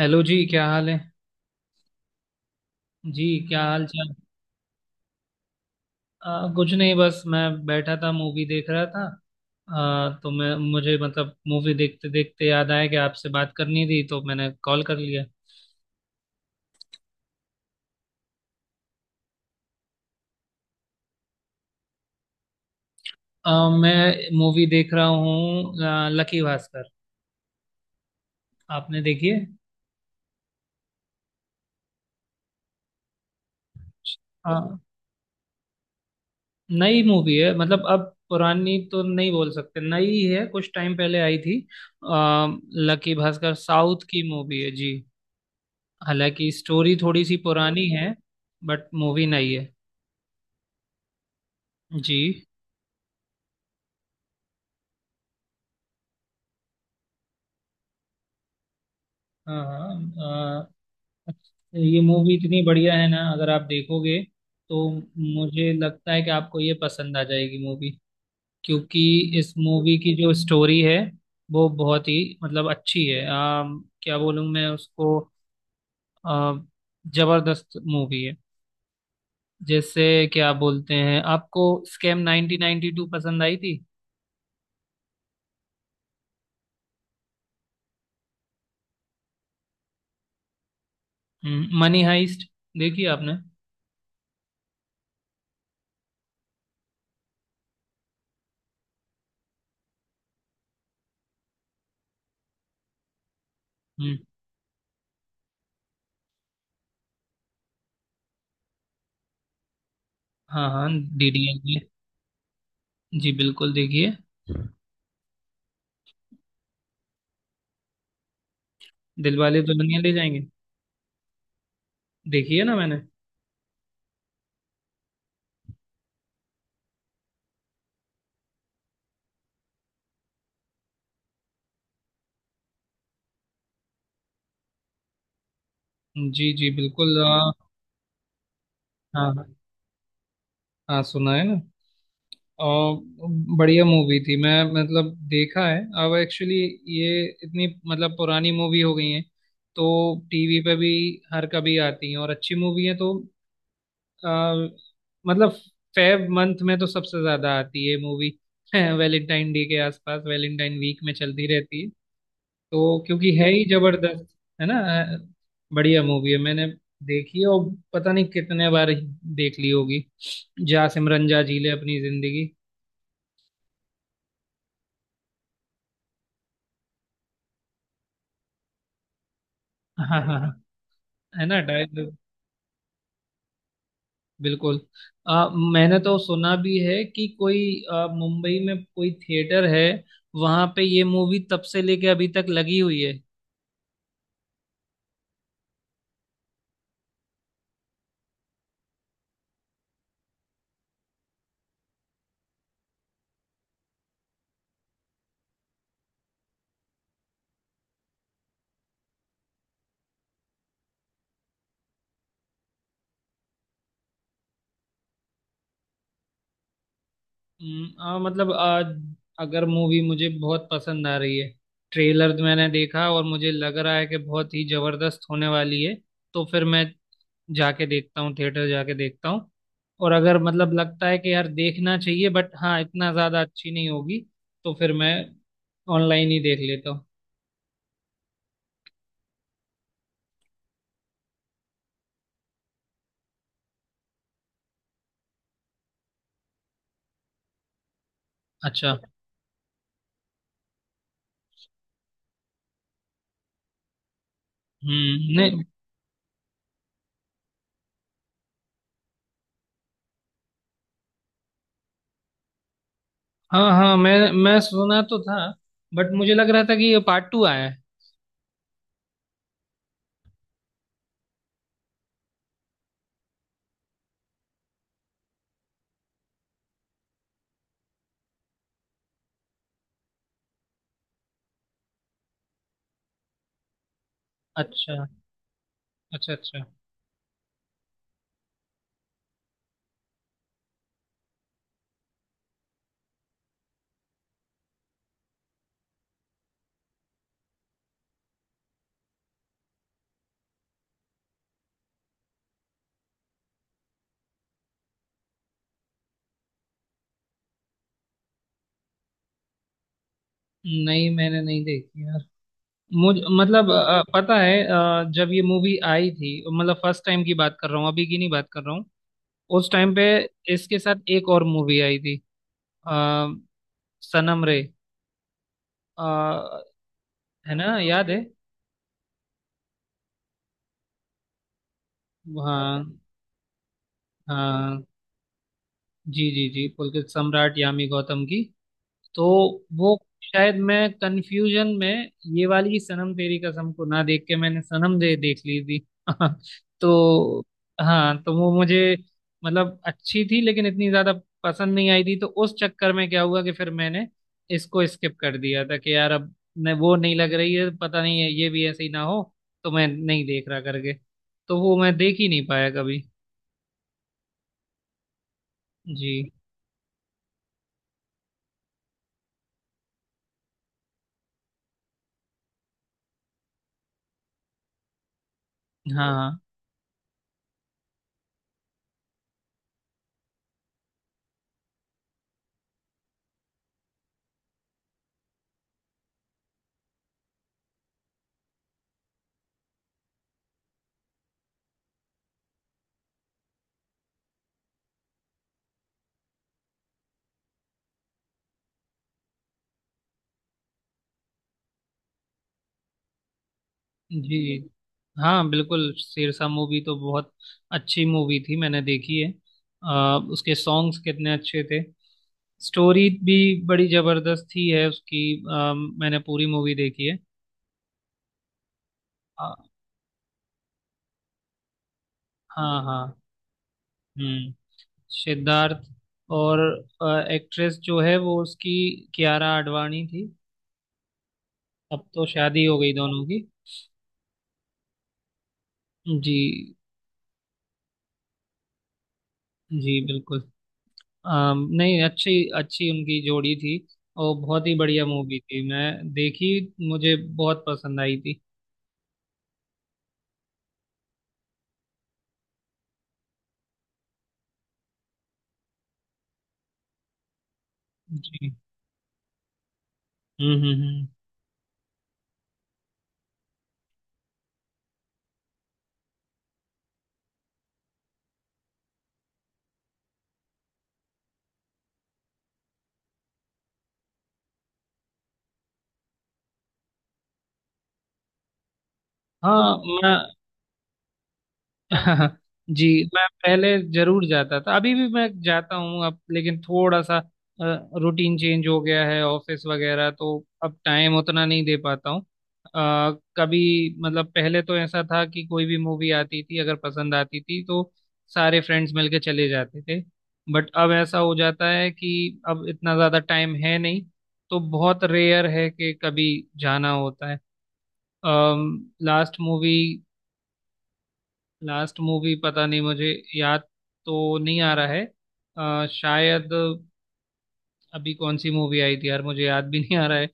Hello जी, क्या हाल है? जी, क्या हाल चाल? कुछ नहीं, बस मैं बैठा था, मूवी देख रहा था। तो मैं मुझे मतलब मूवी देखते देखते याद आया कि आपसे बात करनी थी तो मैंने कॉल कर लिया। मैं मूवी देख रहा हूँ, लकी भास्कर। आपने देखी है? हाँ। नई मूवी है, मतलब अब पुरानी तो नहीं बोल सकते, नई है, कुछ टाइम पहले आई थी। आ, लकी भास्कर साउथ की मूवी है जी। हालांकि स्टोरी थोड़ी सी पुरानी है, बट मूवी नई है जी। हाँ, हाँ। अ, ये मूवी इतनी बढ़िया है ना, अगर आप देखोगे तो मुझे लगता है कि आपको ये पसंद आ जाएगी मूवी। क्योंकि इस मूवी की जो स्टोरी है वो बहुत ही मतलब अच्छी है। क्या बोलूँ मैं उसको, अ, जबरदस्त मूवी है। जैसे क्या बोलते हैं, आपको स्कैम 1992 पसंद आई थी? मनी हाइस्ट देखी आपने? हम्म। हाँ, हाँ। डीडी आएंगे, जी बिल्कुल देखिए। दिलवाले दुल्हनिया ले जाएंगे। देखिए ना मैंने। जी जी बिल्कुल। हाँ, हाँ। हाँ, सुना है ना। और बढ़िया मूवी थी, मैं मतलब देखा है। अब एक्चुअली ये इतनी मतलब पुरानी मूवी हो गई है, तो टीवी पे भी हर कभी आती हैं, और अच्छी मूवी है तो आ, मतलब फेब मंथ में तो सबसे ज्यादा आती है मूवी। वैलेंटाइन डे के आसपास वैलेंटाइन वीक में चलती रहती है। तो क्योंकि है ही जबरदस्त, है ना? बढ़िया मूवी है, मैंने देखी है और पता नहीं कितने बार देख ली होगी। जा सिमरन जा, जी ले अपनी जिंदगी। हाँ हाँ हाँ, है ना डायलॉग? बिल्कुल। मैंने तो सुना भी है कि कोई मुंबई में कोई थिएटर है, वहां पे ये मूवी तब से लेके अभी तक लगी हुई है। मतलब आज अगर मूवी मुझे बहुत पसंद आ रही है, ट्रेलर मैंने देखा और मुझे लग रहा है कि बहुत ही जबरदस्त होने वाली है, तो फिर मैं जाके देखता हूँ, थिएटर जाके देखता हूँ। और अगर मतलब लगता है कि यार देखना चाहिए, बट हाँ इतना ज्यादा अच्छी नहीं होगी, तो फिर मैं ऑनलाइन ही देख लेता हूँ। अच्छा। हम्म। नहीं। हाँ हाँ, मैं सुना तो था, बट मुझे लग रहा था कि ये पार्ट टू आया है। अच्छा, अच्छा। अच्छा। नहीं, मैंने नहीं देखी। मुझ मतलब पता है, जब ये मूवी आई थी। मतलब फर्स्ट टाइम की बात कर रहा हूँ, अभी की नहीं बात कर रहा हूँ। उस टाइम पे इसके साथ एक और मूवी आई थी। आ, सनम रे। अ, है ना, याद है? हाँ हाँ, जी जी जी, पुलकित सम्राट यामी गौतम की। तो वो, शायद मैं कंफ्यूजन में, ये वाली सनम तेरी कसम को ना देख के मैंने सनम दे देख ली थी। तो। हाँ, तो वो मुझे मतलब अच्छी थी लेकिन इतनी ज्यादा पसंद नहीं आई थी। तो उस चक्कर में क्या हुआ कि फिर मैंने इसको स्किप कर दिया था कि यार अब न, वो नहीं लग रही है, पता नहीं है ये भी ऐसे ही ना हो, तो मैं नहीं देख रहा करके। तो वो मैं देख ही नहीं पाया कभी। जी। हाँ, जी हाँ बिल्कुल, सिरसा मूवी तो बहुत अच्छी मूवी थी, मैंने देखी है। उसके सॉन्ग्स कितने अच्छे थे। स्टोरी भी बड़ी जबरदस्त थी है उसकी। अ, मैंने पूरी मूवी देखी है। अ, हाँ, हाँ। हम्म। सिद्धार्थ। और एक्ट्रेस जो है वो उसकी कियारा आडवाणी थी। अब तो शादी हो गई दोनों की। जी जी बिल्कुल। नहीं, अच्छी, अच्छी उनकी जोड़ी थी। और बहुत ही बढ़िया मूवी थी मैं देखी, मुझे बहुत पसंद आई थी। जी। हम्म। हाँ, मैं। जी। मैं पहले जरूर जाता था, अभी भी मैं जाता हूँ अब, लेकिन थोड़ा सा रूटीन चेंज हो गया है, ऑफिस वगैरह तो अब टाइम उतना नहीं दे पाता हूँ। कभी मतलब पहले तो ऐसा था कि कोई भी मूवी आती थी अगर पसंद आती थी तो सारे फ्रेंड्स मिलके चले जाते थे। बट अब ऐसा हो जाता है कि अब इतना ज़्यादा टाइम है नहीं, तो बहुत रेयर है कि कभी जाना होता है। लास्ट मूवी लास्ट मूवी पता नहीं, मुझे याद तो नहीं आ रहा है। शायद अभी कौन सी मूवी आई थी यार, मुझे याद भी नहीं आ रहा है।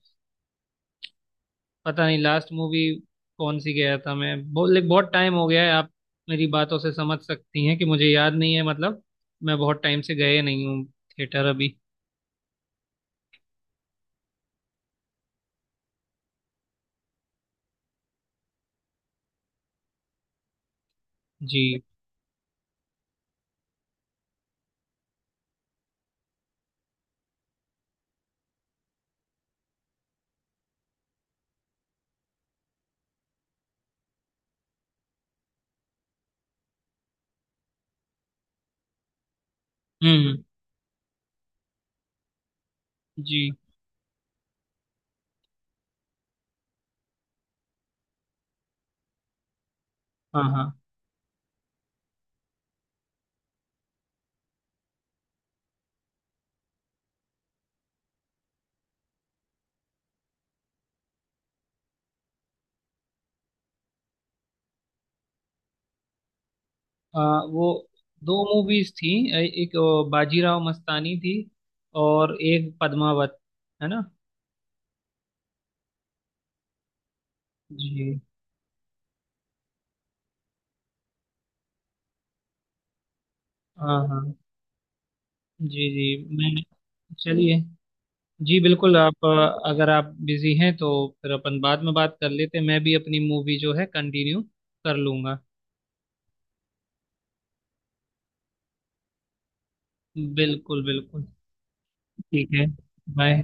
पता नहीं लास्ट मूवी कौन सी गया था मैं। बहुत बहुत टाइम हो गया है। आप मेरी बातों से समझ सकती हैं कि मुझे याद नहीं है मतलब। मैं बहुत टाइम से गए नहीं हूँ थिएटर अभी। जी। हम्म, हम्म। जी। हाँ, हाँ। अ, वो दो मूवीज थी। एक बाजीराव मस्तानी थी और एक पद्मावत, है ना? जी। हाँ, हाँ। जी जी। मैं। चलिए। जी बिल्कुल। आप अगर आप बिजी हैं तो फिर अपन बाद में बात कर लेते हैं, मैं भी अपनी मूवी जो है कंटिन्यू कर लूंगा। बिल्कुल बिल्कुल, ठीक है। बाय।